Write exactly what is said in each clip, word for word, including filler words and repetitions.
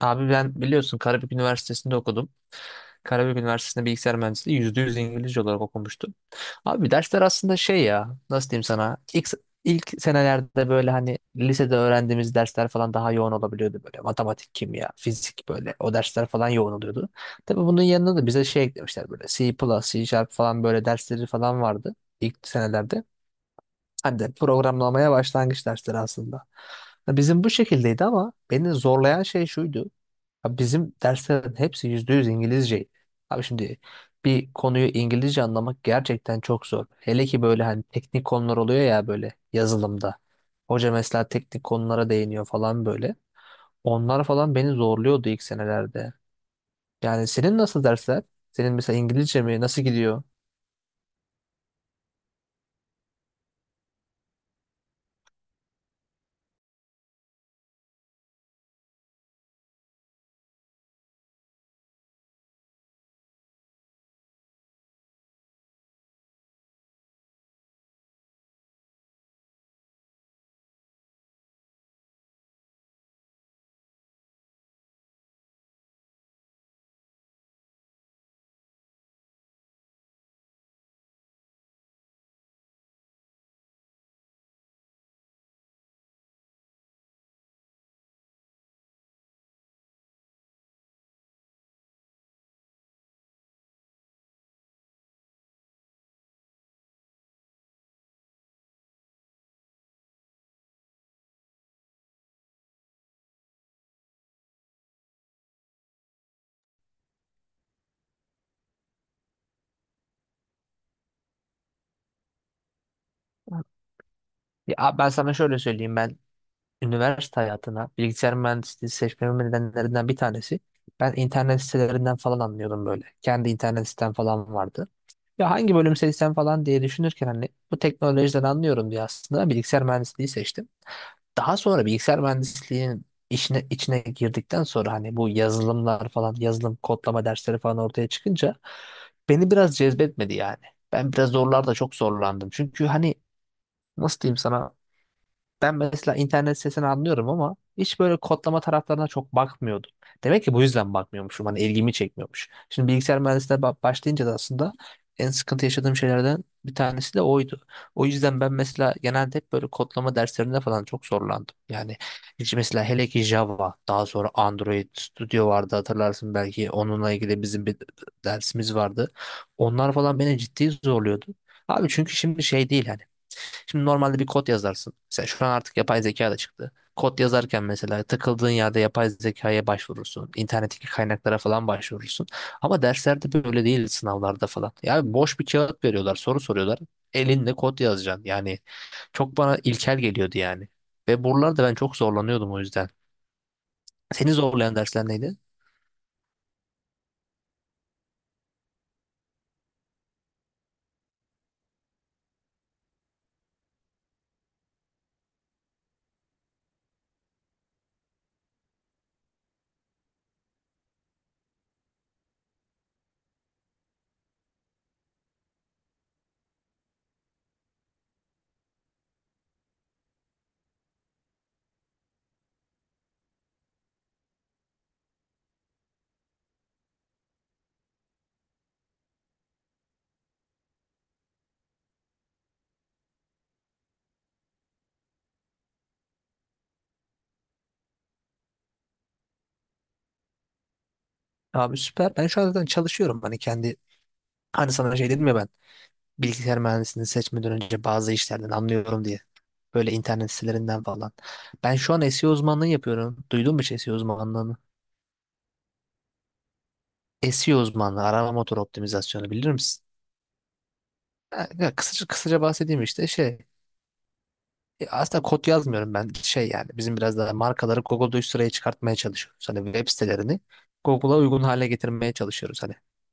Abi ben biliyorsun Karabük Üniversitesi'nde okudum. Karabük Üniversitesi'nde bilgisayar mühendisliği yüzde yüz İngilizce olarak okumuştum. Abi dersler aslında şey ya nasıl diyeyim sana ilk, ilk senelerde böyle hani lisede öğrendiğimiz dersler falan daha yoğun olabiliyordu böyle matematik, kimya, fizik böyle o dersler falan yoğun oluyordu. Tabii bunun yanında da bize şey eklemişler böyle C++, C Sharp falan böyle dersleri falan vardı ilk senelerde. Hani de programlamaya başlangıç dersleri aslında. Ya bizim bu şekildeydi ama beni zorlayan şey şuydu. Ya bizim derslerin hepsi yüzde yüz İngilizceydi. Abi şimdi bir konuyu İngilizce anlamak gerçekten çok zor. Hele ki böyle hani teknik konular oluyor ya böyle yazılımda. Hoca mesela teknik konulara değiniyor falan böyle. Onlar falan beni zorluyordu ilk senelerde. Yani senin nasıl dersler? Senin mesela İngilizce mi? Nasıl gidiyor? Ya ben sana şöyle söyleyeyim, ben üniversite hayatına bilgisayar mühendisliği seçmemin nedenlerinden bir tanesi. Ben internet sitelerinden falan anlıyordum böyle. Kendi internet sitem falan vardı. Ya hangi bölüm seçsem falan diye düşünürken hani bu teknolojiden anlıyorum diye aslında bilgisayar mühendisliği seçtim. Daha sonra bilgisayar mühendisliğinin işine, içine girdikten sonra hani bu yazılımlar falan yazılım kodlama dersleri falan ortaya çıkınca beni biraz cezbetmedi yani. Ben biraz zorlarda çok zorlandım. Çünkü hani nasıl diyeyim sana, ben mesela internet sesini anlıyorum ama hiç böyle kodlama taraflarına çok bakmıyordum. Demek ki bu yüzden bakmıyormuşum. Hani ilgimi çekmiyormuş. Şimdi bilgisayar mühendisliğine ba- başlayınca da aslında en sıkıntı yaşadığım şeylerden bir tanesi de oydu. O yüzden ben mesela genelde hep böyle kodlama derslerinde falan çok zorlandım. Yani hiç mesela hele ki Java, daha sonra Android Studio vardı hatırlarsın, belki onunla ilgili bizim bir dersimiz vardı. Onlar falan beni ciddi zorluyordu. Abi çünkü şimdi şey değil hani, şimdi normalde bir kod yazarsın. Mesela şu an artık yapay zeka da çıktı. Kod yazarken mesela takıldığın yerde yapay zekaya başvurursun. İnternetteki kaynaklara falan başvurursun. Ama derslerde böyle değil, sınavlarda falan. Yani boş bir kağıt veriyorlar, soru soruyorlar. Elinde kod yazacaksın. Yani çok bana ilkel geliyordu yani. Ve buralarda ben çok zorlanıyordum o yüzden. Seni zorlayan dersler neydi? Abi süper. Ben şu an zaten çalışıyorum. Hani kendi, hani sana şey dedim ya ben, bilgisayar mühendisliğini seçmeden önce bazı işlerden anlıyorum diye. Böyle internet sitelerinden falan. Ben şu an S E O uzmanlığı yapıyorum. Duydun mu hiç S E O uzmanlığını? S E O uzmanlığı, arama motoru optimizasyonu bilir misin? Ha, ya kısaca, kısaca bahsedeyim işte şey, E, aslında kod yazmıyorum ben, şey yani bizim biraz daha markaları Google'da üst sıraya çıkartmaya çalışıyoruz. Hani web sitelerini Google'a uygun hale getirmeye çalışıyoruz. Hani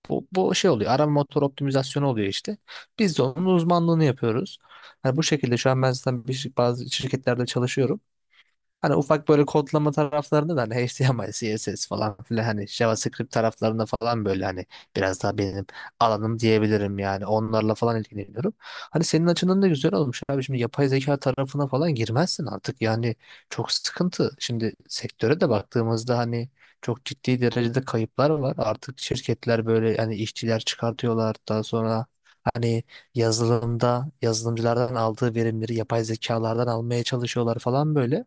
bu, bu şey oluyor, arama motor optimizasyonu oluyor işte. Biz de onun uzmanlığını yapıyoruz. Hani bu şekilde şu an ben zaten bir, şir- bazı şirketlerde çalışıyorum. Hani ufak böyle kodlama taraflarında da hani H T M L, C S S falan filan hani JavaScript taraflarında falan böyle hani biraz daha benim alanım diyebilirim yani, onlarla falan ilgileniyorum. Hani senin açından da güzel olmuş abi, şimdi yapay zeka tarafına falan girmezsin artık yani, çok sıkıntı. Şimdi sektöre de baktığımızda hani çok ciddi derecede kayıplar var. Artık şirketler böyle yani işçiler çıkartıyorlar, daha sonra hani yazılımda yazılımcılardan aldığı verimleri yapay zekalardan almaya çalışıyorlar falan böyle.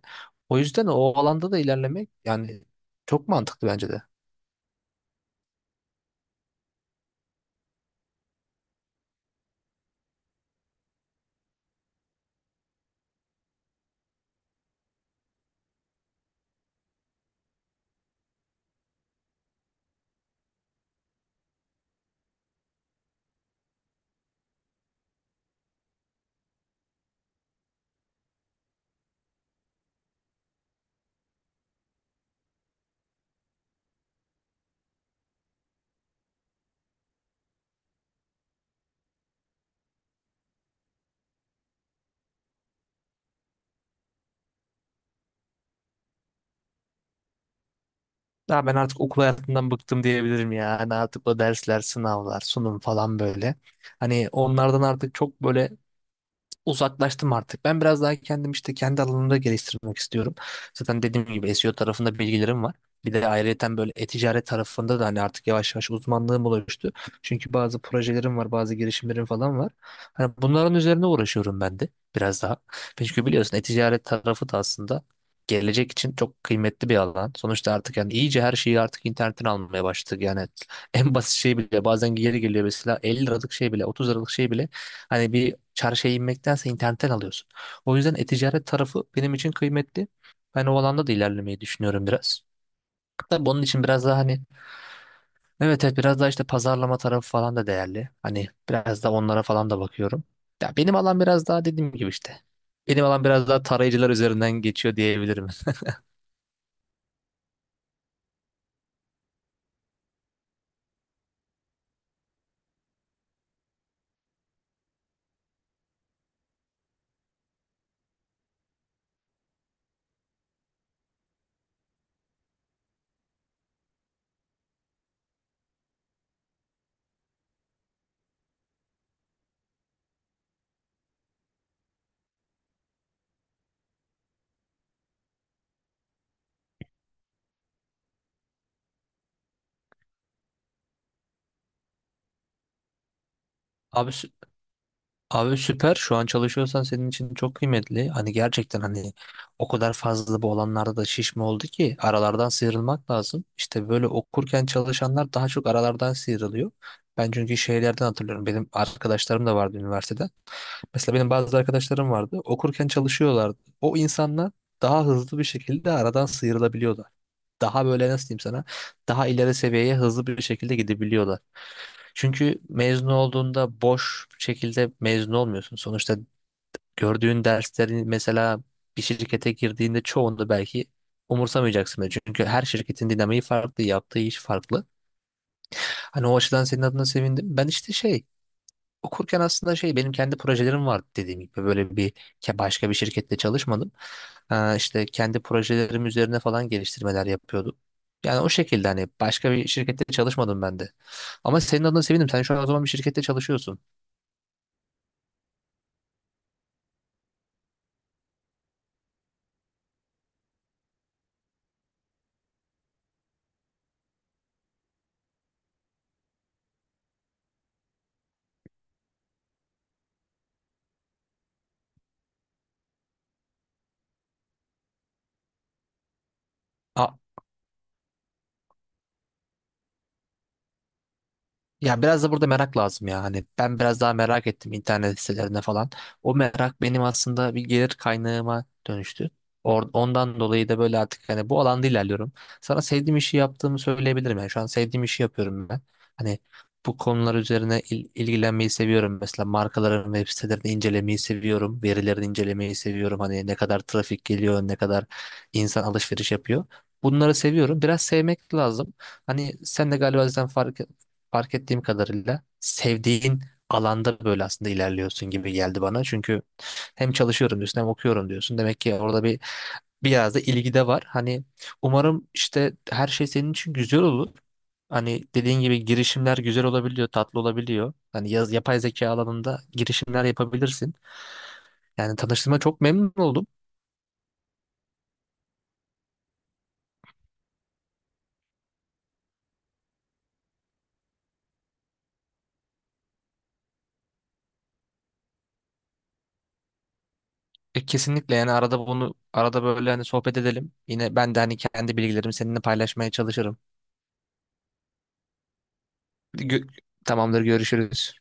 O yüzden o alanda da ilerlemek yani çok mantıklı bence de. Ya ben artık okul hayatından bıktım diyebilirim ya. Hani artık o dersler, sınavlar, sunum falan böyle. Hani onlardan artık çok böyle uzaklaştım artık. Ben biraz daha kendim işte kendi alanımda geliştirmek istiyorum. Zaten dediğim gibi S E O tarafında bilgilerim var. Bir de ayrıyeten böyle e-ticaret tarafında da hani artık yavaş yavaş uzmanlığım oluştu. Çünkü bazı projelerim var, bazı girişimlerim falan var. Hani bunların üzerine uğraşıyorum ben de biraz daha. Çünkü biliyorsun e-ticaret tarafı da aslında gelecek için çok kıymetli bir alan. Sonuçta artık yani iyice her şeyi artık internetten almaya başladık. Yani en basit şey bile bazen geri geliyor, mesela elli liralık şey bile, otuz liralık şey bile. Hani bir Çarşıya inmektense internetten alıyorsun. O yüzden e-ticaret tarafı benim için kıymetli. Ben o alanda da ilerlemeyi düşünüyorum biraz. Tabii onun için biraz daha hani, evet evet, biraz daha işte pazarlama tarafı falan da değerli. Hani biraz da onlara falan da bakıyorum. Ya benim alan biraz daha dediğim gibi işte. Benim alan biraz daha tarayıcılar üzerinden geçiyor diyebilirim. Abi, abi süper. Şu an çalışıyorsan senin için çok kıymetli. Hani gerçekten hani o kadar fazla bu olanlarda da şişme oldu ki aralardan sıyrılmak lazım. İşte böyle okurken çalışanlar daha çok aralardan sıyrılıyor. Ben çünkü şeylerden hatırlıyorum. Benim arkadaşlarım da vardı üniversitede. Mesela benim bazı arkadaşlarım vardı. Okurken çalışıyorlardı. O insanlar daha hızlı bir şekilde aradan sıyrılabiliyordu, daha böyle nasıl diyeyim sana, daha ileri seviyeye hızlı bir şekilde gidebiliyorlar. Çünkü mezun olduğunda boş bir şekilde mezun olmuyorsun. Sonuçta gördüğün derslerin mesela bir şirkete girdiğinde çoğunda belki umursamayacaksın bile. Çünkü her şirketin dinamiği farklı, yaptığı iş farklı. Hani o açıdan senin adına sevindim. Ben işte şey, okurken aslında şey, benim kendi projelerim vardı dediğim gibi, böyle bir ke- başka bir şirkette çalışmadım. Ee, işte kendi projelerim üzerine falan geliştirmeler yapıyordum. Yani o şekilde hani başka bir şirkette çalışmadım ben de. Ama senin adına sevindim. Sen şu an o zaman bir şirkette çalışıyorsun. A- Ya biraz da burada merak lazım ya. Hani ben biraz daha merak ettim internet sitelerine falan. O merak benim aslında bir gelir kaynağıma dönüştü. Or- Ondan dolayı da böyle artık hani bu alanda ilerliyorum. Sana sevdiğim işi yaptığımı söyleyebilirim yani. Şu an sevdiğim işi yapıyorum ben. Hani bu konular üzerine il- ilgilenmeyi seviyorum. Mesela markaların web sitelerini incelemeyi seviyorum. Verilerini incelemeyi seviyorum. Hani ne kadar trafik geliyor, ne kadar insan alışveriş yapıyor. Bunları seviyorum. Biraz sevmek lazım. Hani sen de galiba zaten fark, fark ettiğim kadarıyla sevdiğin alanda böyle aslında ilerliyorsun gibi geldi bana. Çünkü hem çalışıyorum diyorsun hem okuyorum diyorsun. Demek ki orada bir biraz da ilgi de var. Hani umarım işte her şey senin için güzel olur. Hani dediğin gibi girişimler güzel olabiliyor, tatlı olabiliyor. Hani yaz, yapay zeka alanında girişimler yapabilirsin. Yani tanıştığıma çok memnun oldum. E, kesinlikle yani arada bunu arada böyle hani sohbet edelim. Yine ben de hani kendi bilgilerimi seninle paylaşmaya çalışırım. Gö- Tamamdır, görüşürüz.